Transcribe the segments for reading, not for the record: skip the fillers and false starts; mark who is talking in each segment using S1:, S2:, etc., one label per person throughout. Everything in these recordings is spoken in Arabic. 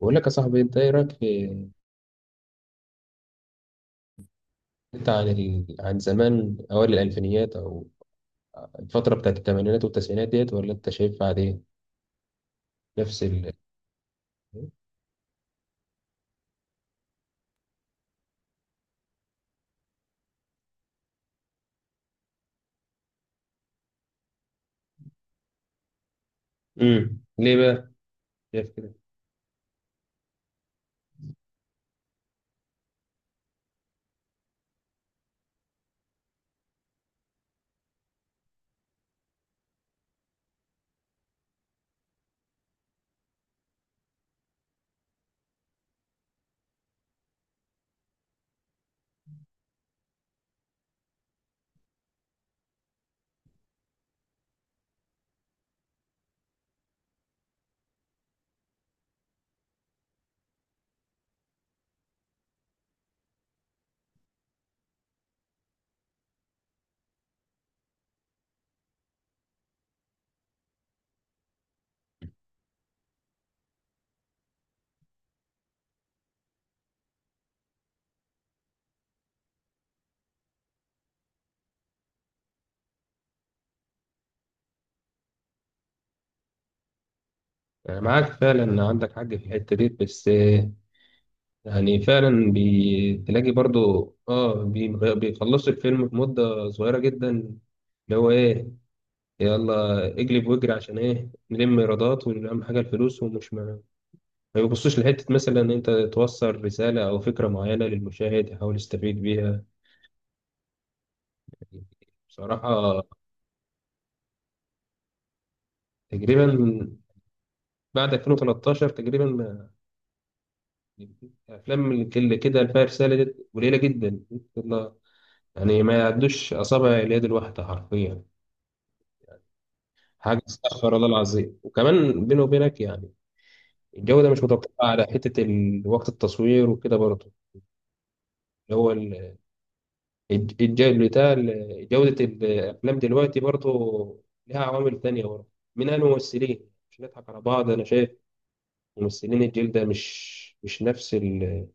S1: بقول لك يا صاحبي، انت ايه رايك في انت عن ال... عن زمان اوائل الالفينيات او الفتره بتاعت الثمانينات والتسعينات ديت، ولا انت شايفها عاديه نفس ال ليه بقى شايف كده؟ أنا معاك فعلا، عندك حق في الحته دي، بس يعني فعلا بتلاقي برضو اه بيخلصوا الفيلم في مده صغيره جدا، اللي هو ايه؟ يلا اجلب واجري عشان ايه؟ نلم ايرادات، واهم حاجه الفلوس ومش ما بيبصوش لحتة مثلا إن أنت توصل رسالة أو فكرة معينة للمشاهد يحاول يستفيد بيها. بصراحة تقريبا من بعد 2013 تقريبا الأفلام اللي كده اللي فيها رسالة دي قليلة جدا، والله. يعني ما يعدوش أصابع اليد الواحدة حرفيا. حاجة استغفر الله العظيم. وكمان بيني وبينك، يعني الجودة مش متوقعة على حتة وقت التصوير وكده برضه. اللي هو بتاع جودة الأفلام دلوقتي برضه لها عوامل تانية برضه، منها الممثلين. مش نضحك على بعض، أنا شايف ممثلين الجيل ده مش نفس ال،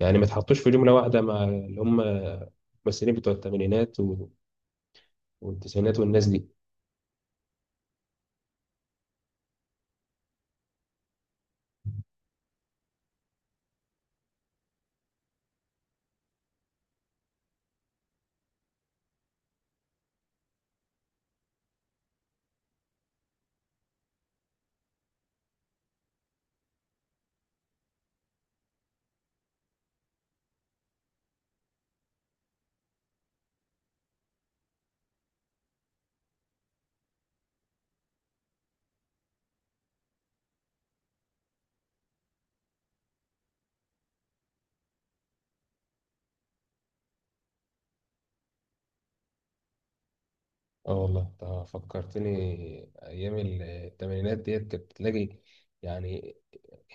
S1: يعني ما تحطوش في جملة واحدة مع اللي هم الممثلين بتوع الثمانينات والتسعينات والناس دي. اه والله انت فكرتني ايام الثمانينات ديت، كنت تلاقي يعني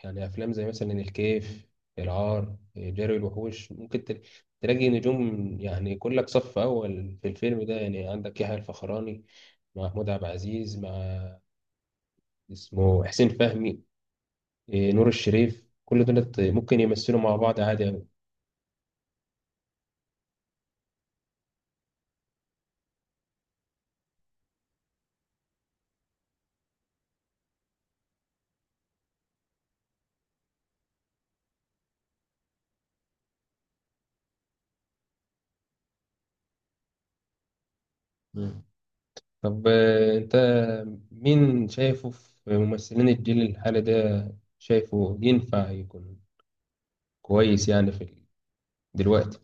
S1: يعني افلام زي مثلا الكيف، العار، جري الوحوش، ممكن تلاقي نجوم يعني كلك صف اول في الفيلم ده، يعني عندك يحيى الفخراني مع محمود عبد العزيز مع اسمه حسين فهمي، إيه، نور الشريف، كل دول ممكن يمثلوا مع بعض عادي أوي. مم. طب انت مين شايفه في ممثلين الجيل الحالي ده؟ شايفه ينفع يكون كويس يعني في دلوقتي؟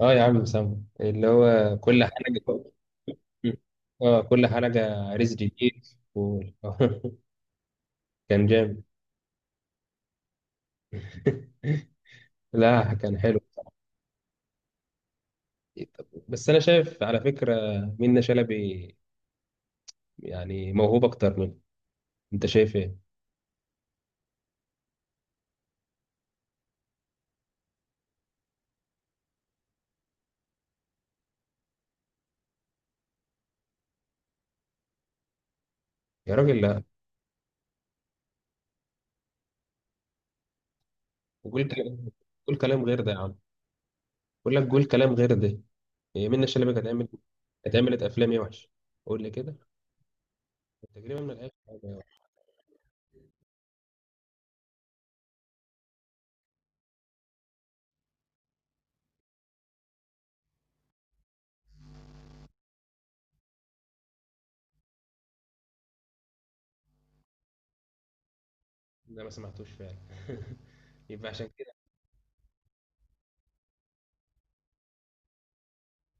S1: اه يا عم سامو اللي هو كل حاجة. مم. اه كل حاجة رزق جديد. و... كان جامد. لا كان حلو. بس انا شايف على فكرة منة شلبي يعني موهوب اكتر منه، انت شايف ايه؟ يا راجل لا، وقول كلام، قول كلام غير ده يا عم. بقول لك قول كلام غير ده. هي منة شلبي كانت هتعمل، كانت عملت افلام ايه وحش؟ قول لي كده. تقريبا من الاخر حاجة وحشة. ده ما سمعتوش فعلا. يبقى عشان كده.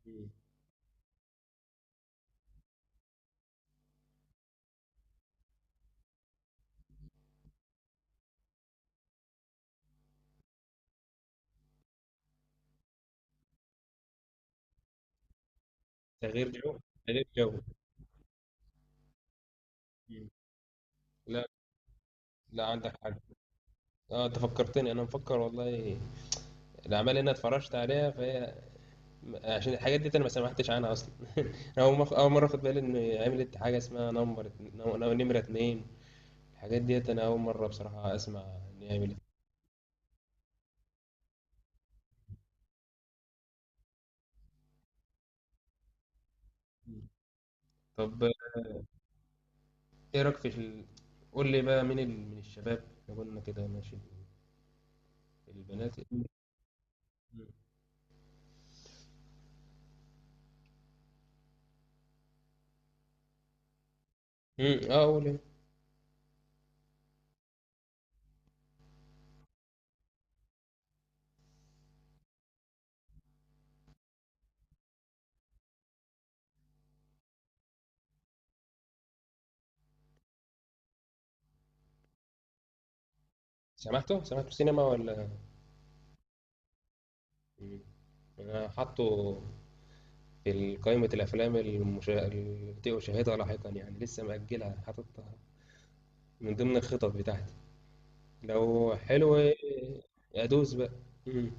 S1: مم. تغيير جو. تغيير جو. مم. لا، لا عندك حاجة. اه انت فكرتني، انا مفكر والله الاعمال اللي انا اتفرجت عليها، فهي عشان الحاجات دي انا ما سمعتش عنها اصلا. انا اول اول مره اخد بالي ان عملت حاجه اسمها نمبر نمره اتنين. الحاجات ديت انا اول مره بصراحه اسمع ان هي عملت. طب ايه رايك في ال...؟ قول لي بقى مين ال... من الشباب، لو قلنا كده ماشي البنات؟ مم. مم. اه قول إيه. سمعته، سمعته سينما ولا؟ مم. انا حاطه قائمة الأفلام التي أشاهدها لاحقا، يعني لسه مأجلها حاططها من ضمن الخطط بتاعتي. لو حلو أدوس بقى. مم.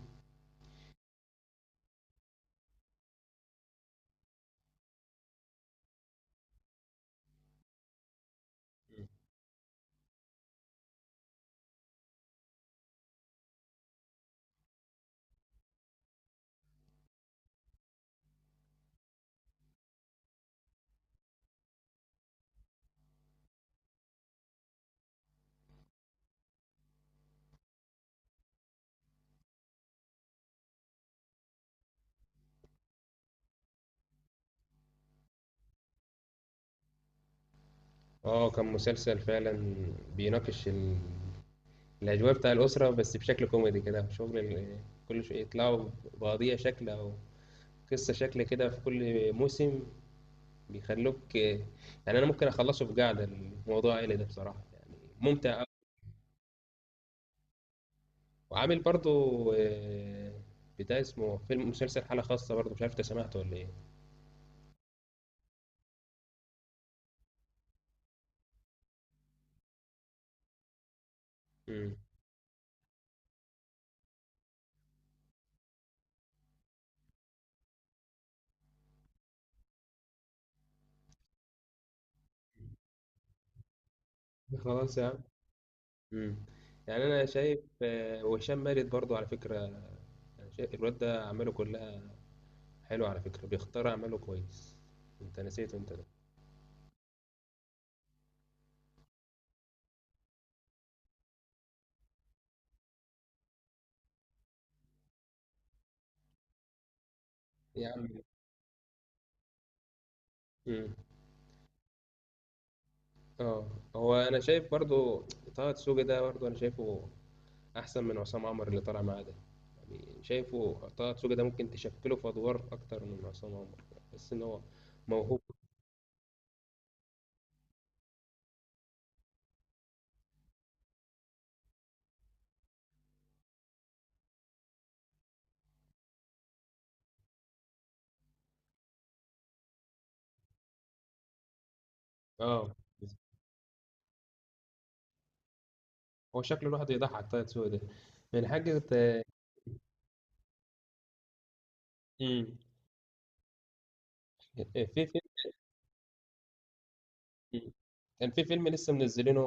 S1: اه كان مسلسل فعلا بيناقش ال...، الأجواء بتاع الأسرة بس بشكل كوميدي كده، شغل ال...، كل شوية يطلعوا بقضية شكل أو قصة شكل كده في كل موسم، بيخلوك يعني أنا ممكن أخلصه في قعدة. الموضوع العائلي ده بصراحة يعني ممتع. وعامل برضو بتاع اسمه فيلم مسلسل حالة خاصة برضو، مش عارف انت سمعته ولا ايه؟ مم. خلاص يا عم. مم. يعني انا شايف وهشام مارد برضو على فكرة. يعني شايف الواد ده اعماله كلها حلوة على فكرة، بيختار اعماله كويس، انت نسيته انت ده. يا عم. مم. اه. هو انا شايف برضو طه دسوقي ده برضو انا شايفه احسن من عصام عمر اللي طالع معاه ده. يعني شايفه طه دسوقي ده ممكن تشكله في ادوار اكتر من عصام عمر، بس ان هو موهوب. اه هو شكله الواحد يضحك، طه دسوقي ده، من حاجة. امم في فيلم، كان في فيلم لسه منزلينه،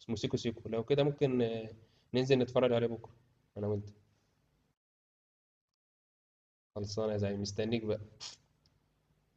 S1: اسمه سيكو سيكو، لو كده ممكن ننزل نتفرج عليه بكرة أنا وأنت. خلصانة يا زعيم، مستنيك بقى.